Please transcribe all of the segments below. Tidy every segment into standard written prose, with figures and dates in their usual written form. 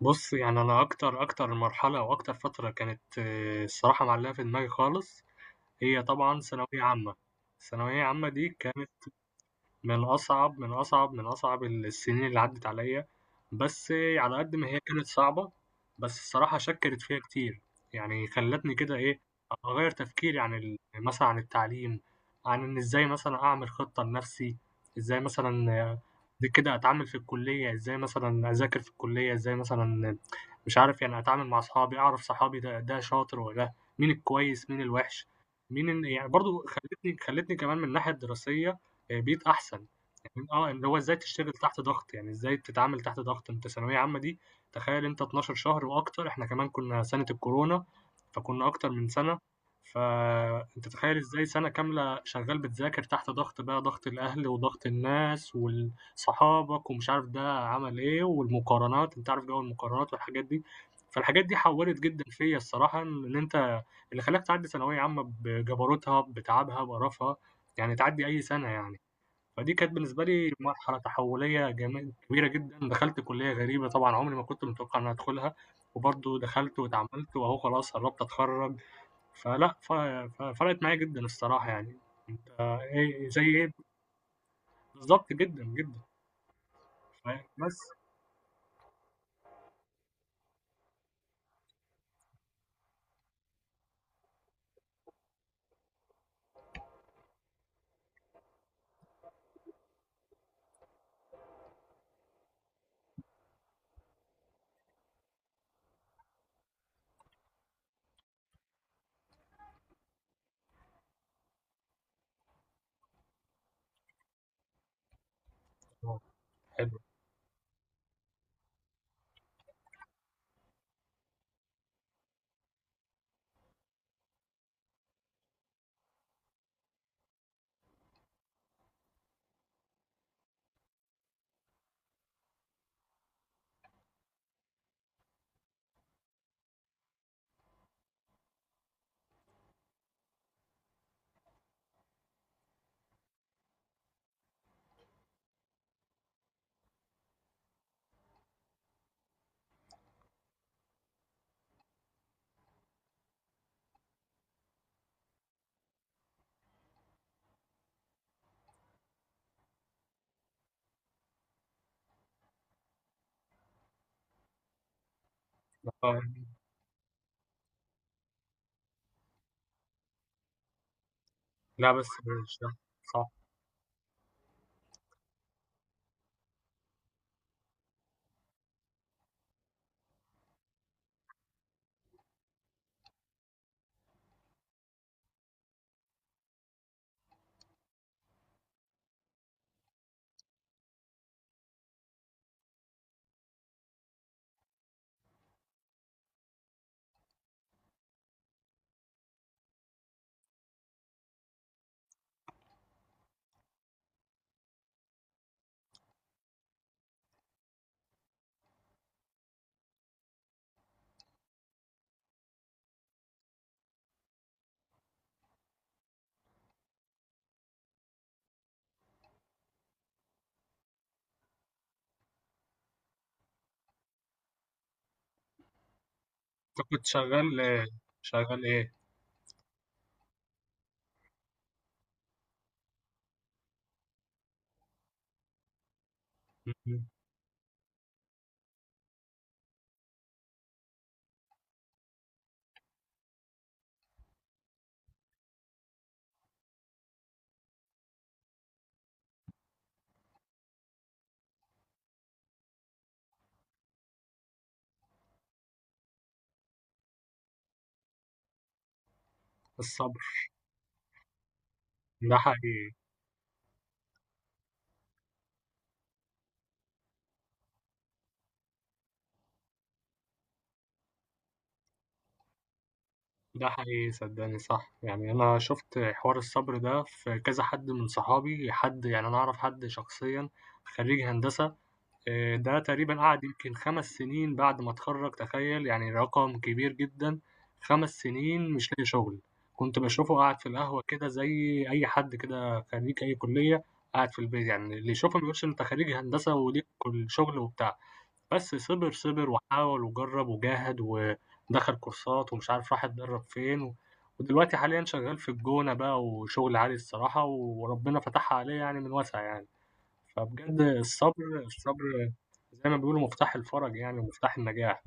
بُص، يعني أنا أكتر مرحلة أو أكتر فترة كانت الصراحة معلّقة في دماغي خالص، هي طبعًا ثانوية عامة. ثانوية عامة دي كانت من أصعب السنين اللي عدّت عليَّ، بس على قد ما هي كانت صعبة، بس الصراحة شكّلت فيّا كتير، يعني خلّتني كده إيه، أغيّر تفكيري عن ال مثلًا عن التعليم، عن إن إزاي مثلًا أعمل خطة لنفسي، إزاي مثلًا دي كده أتعامل في الكلية، إزاي مثلًا أذاكر في الكلية، إزاي مثلًا مش عارف يعني أتعامل مع أصحابي، أعرف صحابي ده شاطر والّا ده، مين الكويس، مين الوحش، مين ال يعني برضه خلّتني كمان من الناحية الدراسية، بيت أحسن، يعني اللي هو إزاي تشتغل تحت ضغط، يعني إزاي تتعامل تحت ضغط. أنت ثانوية عامة دي تخيل أنت 12 شهر وأكتر، إحنا كمان كنا سنة الكورونا، فكنا أكتر من سنة، فأنت تخيل إزاي سنة كاملة شغال بتذاكر تحت ضغط بقى، ضغط الأهل وضغط الناس وال صحابك ومش عارف ده عمل إيه والمقارنات، أنت عارف جو المقارنات والحاجات دي، فالحاجات دي حوّلت جدًا فيّا الصراحة. إن أنت اللي خلاك تعدّي ثانوية عامة بجبروتها، بتعبها، بقرفها، يعني تعدّي أي سنة يعني. فدي كانت بالنسبة لي مرحلة تحولية جمي كبيرة جدًا، دخلت كلية غريبة طبعًا عمري ما كنت متوقع إني هادخلها، وبرضه دخلت واتعاملت وأهو خلاص قرّبت أتخرّج، فلأ ف ففرقت معايا جدًا الصراحة يعني، أنت إيه زي إيه بالضبط جدًا، جدًا فاهم، بس آه، حلو. لأ لا، بس مش ده صح، أنت كنت شغال شغال إيه؟ اهم، الصبر، ده حقيقي. ده حقيقي صدقني صح، يعني انا شفت حوار الصبر ده في كذا حد من صحابي، حد يعني انا اعرف حد شخصيا خريج هندسة، ده تقريبًا قعد يمكن 5 سنين بعد ما اتخرّج، تخيّل! يعني رقم كبير جدًا، 5 سنين مش لاقي شغل، كنت باشوفه قاعد في القهوة كده زي أي حد كده خريج أي كُلّية قاعد في البيت، يعني اللي يشوفه ما يقولش أنت خريج هندسة وليك كل شغل وبتاع، بس صِبِر، صِبِر وحاول وجرّب وجاهد ودخل كورسات ومش عارف راح اتدرّب فين، و... ودلوقتي حاليًا شغّال في الجونة بقى وشغل عالي الصراحة وربنا فتحها عليه يعني من واسع يعني. فبجد الصبر زي ما بيقولوا مفتاح الفرج يعني ومفتاح النجاح،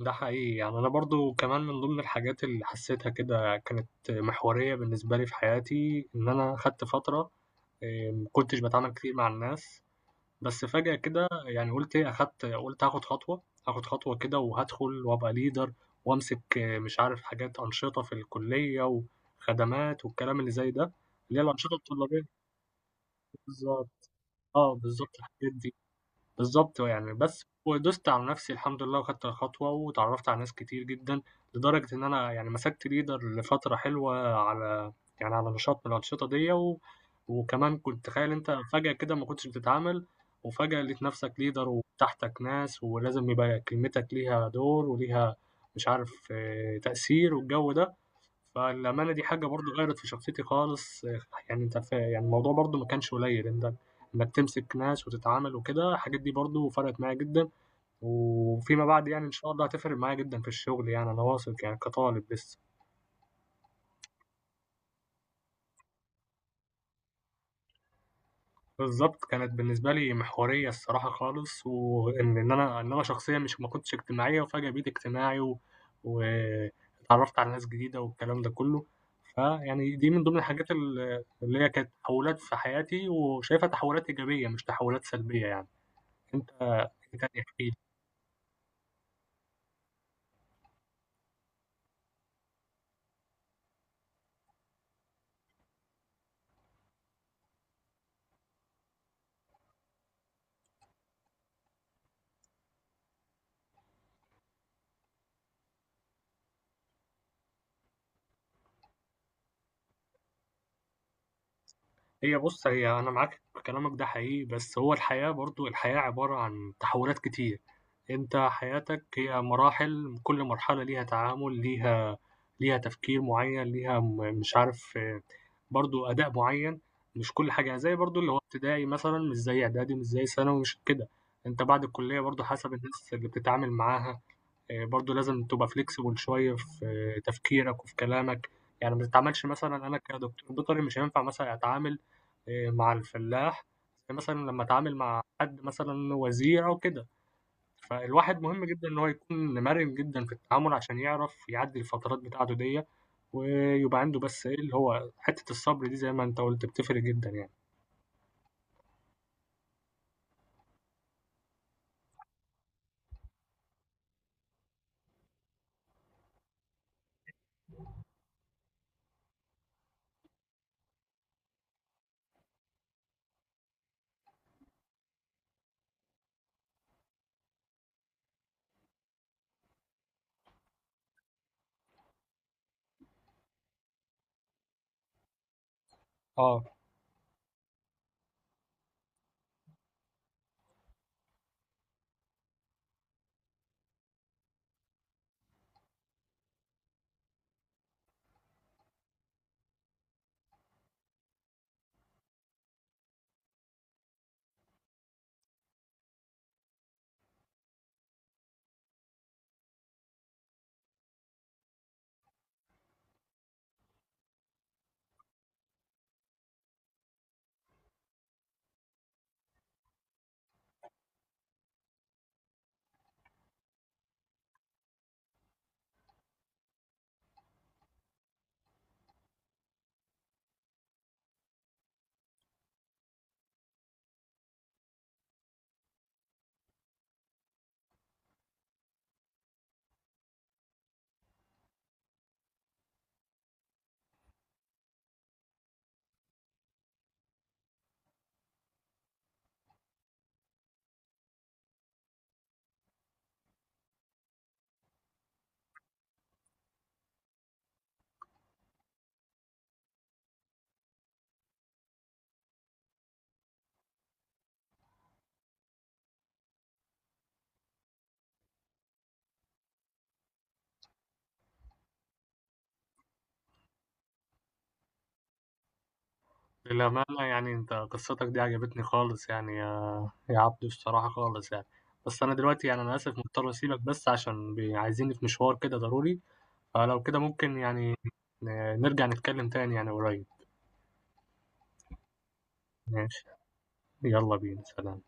ده حقيقي. يعني أنا برضه كمان من ضمن الحاجات اللي حسيتها كده كانت محورية بالنسبة لي في حياتي، إن أنا خدت فترة ما كنتش باتعامل كتير مع الناس، بس فجأة كده يعني قُلت إيه، أخدت قُلت هاخد خطوة، هاخد خطوة كده وهادخل وأبقى leader وأمسك إيه، مش عارف حاجات أنشطة في الكلية وخدمات والكلام اللي زي ده، اللي هي الأنشطة الطلابية بالضبط، آه بالضبط الحاجات دي. بالضبط يعني بس ودوست على نفسي الحمد لله وخدت الخطوة، واتعرّفت على ناس كتير جدًا، لدرجة إن أنا يعني مسكت leader لفترة حلوة على يعني على نشاط من الأنشطة ديّة، و وكمان كنت تخيّل أنت فجأة كده ما كنتش بتتعامل، وفجأة لقيت نفسك leader وتحتك ناس، ولازم يبقى كلمتك ليها دور وليها مش عارف تأثير والجو ده. فالأمانة دي حاجة برضه غيّرت في شخصيتي خالص آه، يعني أنت ف يعني الموضوع برضه ما كانش قليّل، أنت إنّك تمسك ناس وتتعامل وكده، الحاجات دي برضه فرقت معايا جدًا، وفيما بعد يعني إن شاء الله هتفرق معايا جدًا في الشغل يعني أنا واثق يعني كطالب لسه. بالضبط، كانت بالنسبة لي محورية الصراحة خالص، وإن إن أنا شخصيًا مش ما كنتش اجتماعية وفجأة بقيت اجتماعي و واتعرّفت على ناس جديدة والكلام ده كُلّه، فيعني دي من ضمن الحاجات ال اللي هي كانت تحوّلات في حياتي وشايفها تحوّلات إيجابية مش تحوّلات سلبية يعني، أنت إيه تاني احكِ لي؟ هي بُص، هي أنا معاك في كلامك ده حقيقي، بس هو الحياة برضه الحياة عبارة عن تحولات كتير، أنت حياتك هي مراحل كل مرحلة ليها تعامل، ليها تفكير معين، ليها م مش عارف برضه أداء معين، مش كل حاجة يعني زي برضه اللي هو ابتدائي مثلًا مش زي إعدادي، مش زي ثانوي، مش كده، أنت بعد الكلية برضه حسب الناس اللي بتتعامل معاها. آه، برضو لازم تبقى فليكسبل شوية في تفكيرك وفي كلامك، يعني ما تتعاملش مثلا أنا كدكتور بيطري مش هينفع مثلا أتعامل مع الفلاح زي مثلا لما أتعامل مع حد مثلا وزير أو كده. فالواحد مهم جدا إن هو يكون مرن جدا في التعامل عشان يعرف يعدي الفترات بتاعته دي ويبقى عنده بس إيه اللي هو حتة الصبر دي، زي ما أنت قلت بتفرق جدا يعني. آه للأمانة يعني أنت قصتك دي عجبتني خالص يعني يا عبدو، الصراحة خالص يعني. بس أنا دلوقتي يعني أنا آسف مضطر أسيبك بس عشان بي- عايزيني في مشوار كده ضروري، فلو كده ممكن يعني ن- نرجع نتكلم تاني يعني قريب. ماشي يلا بينا، سلام.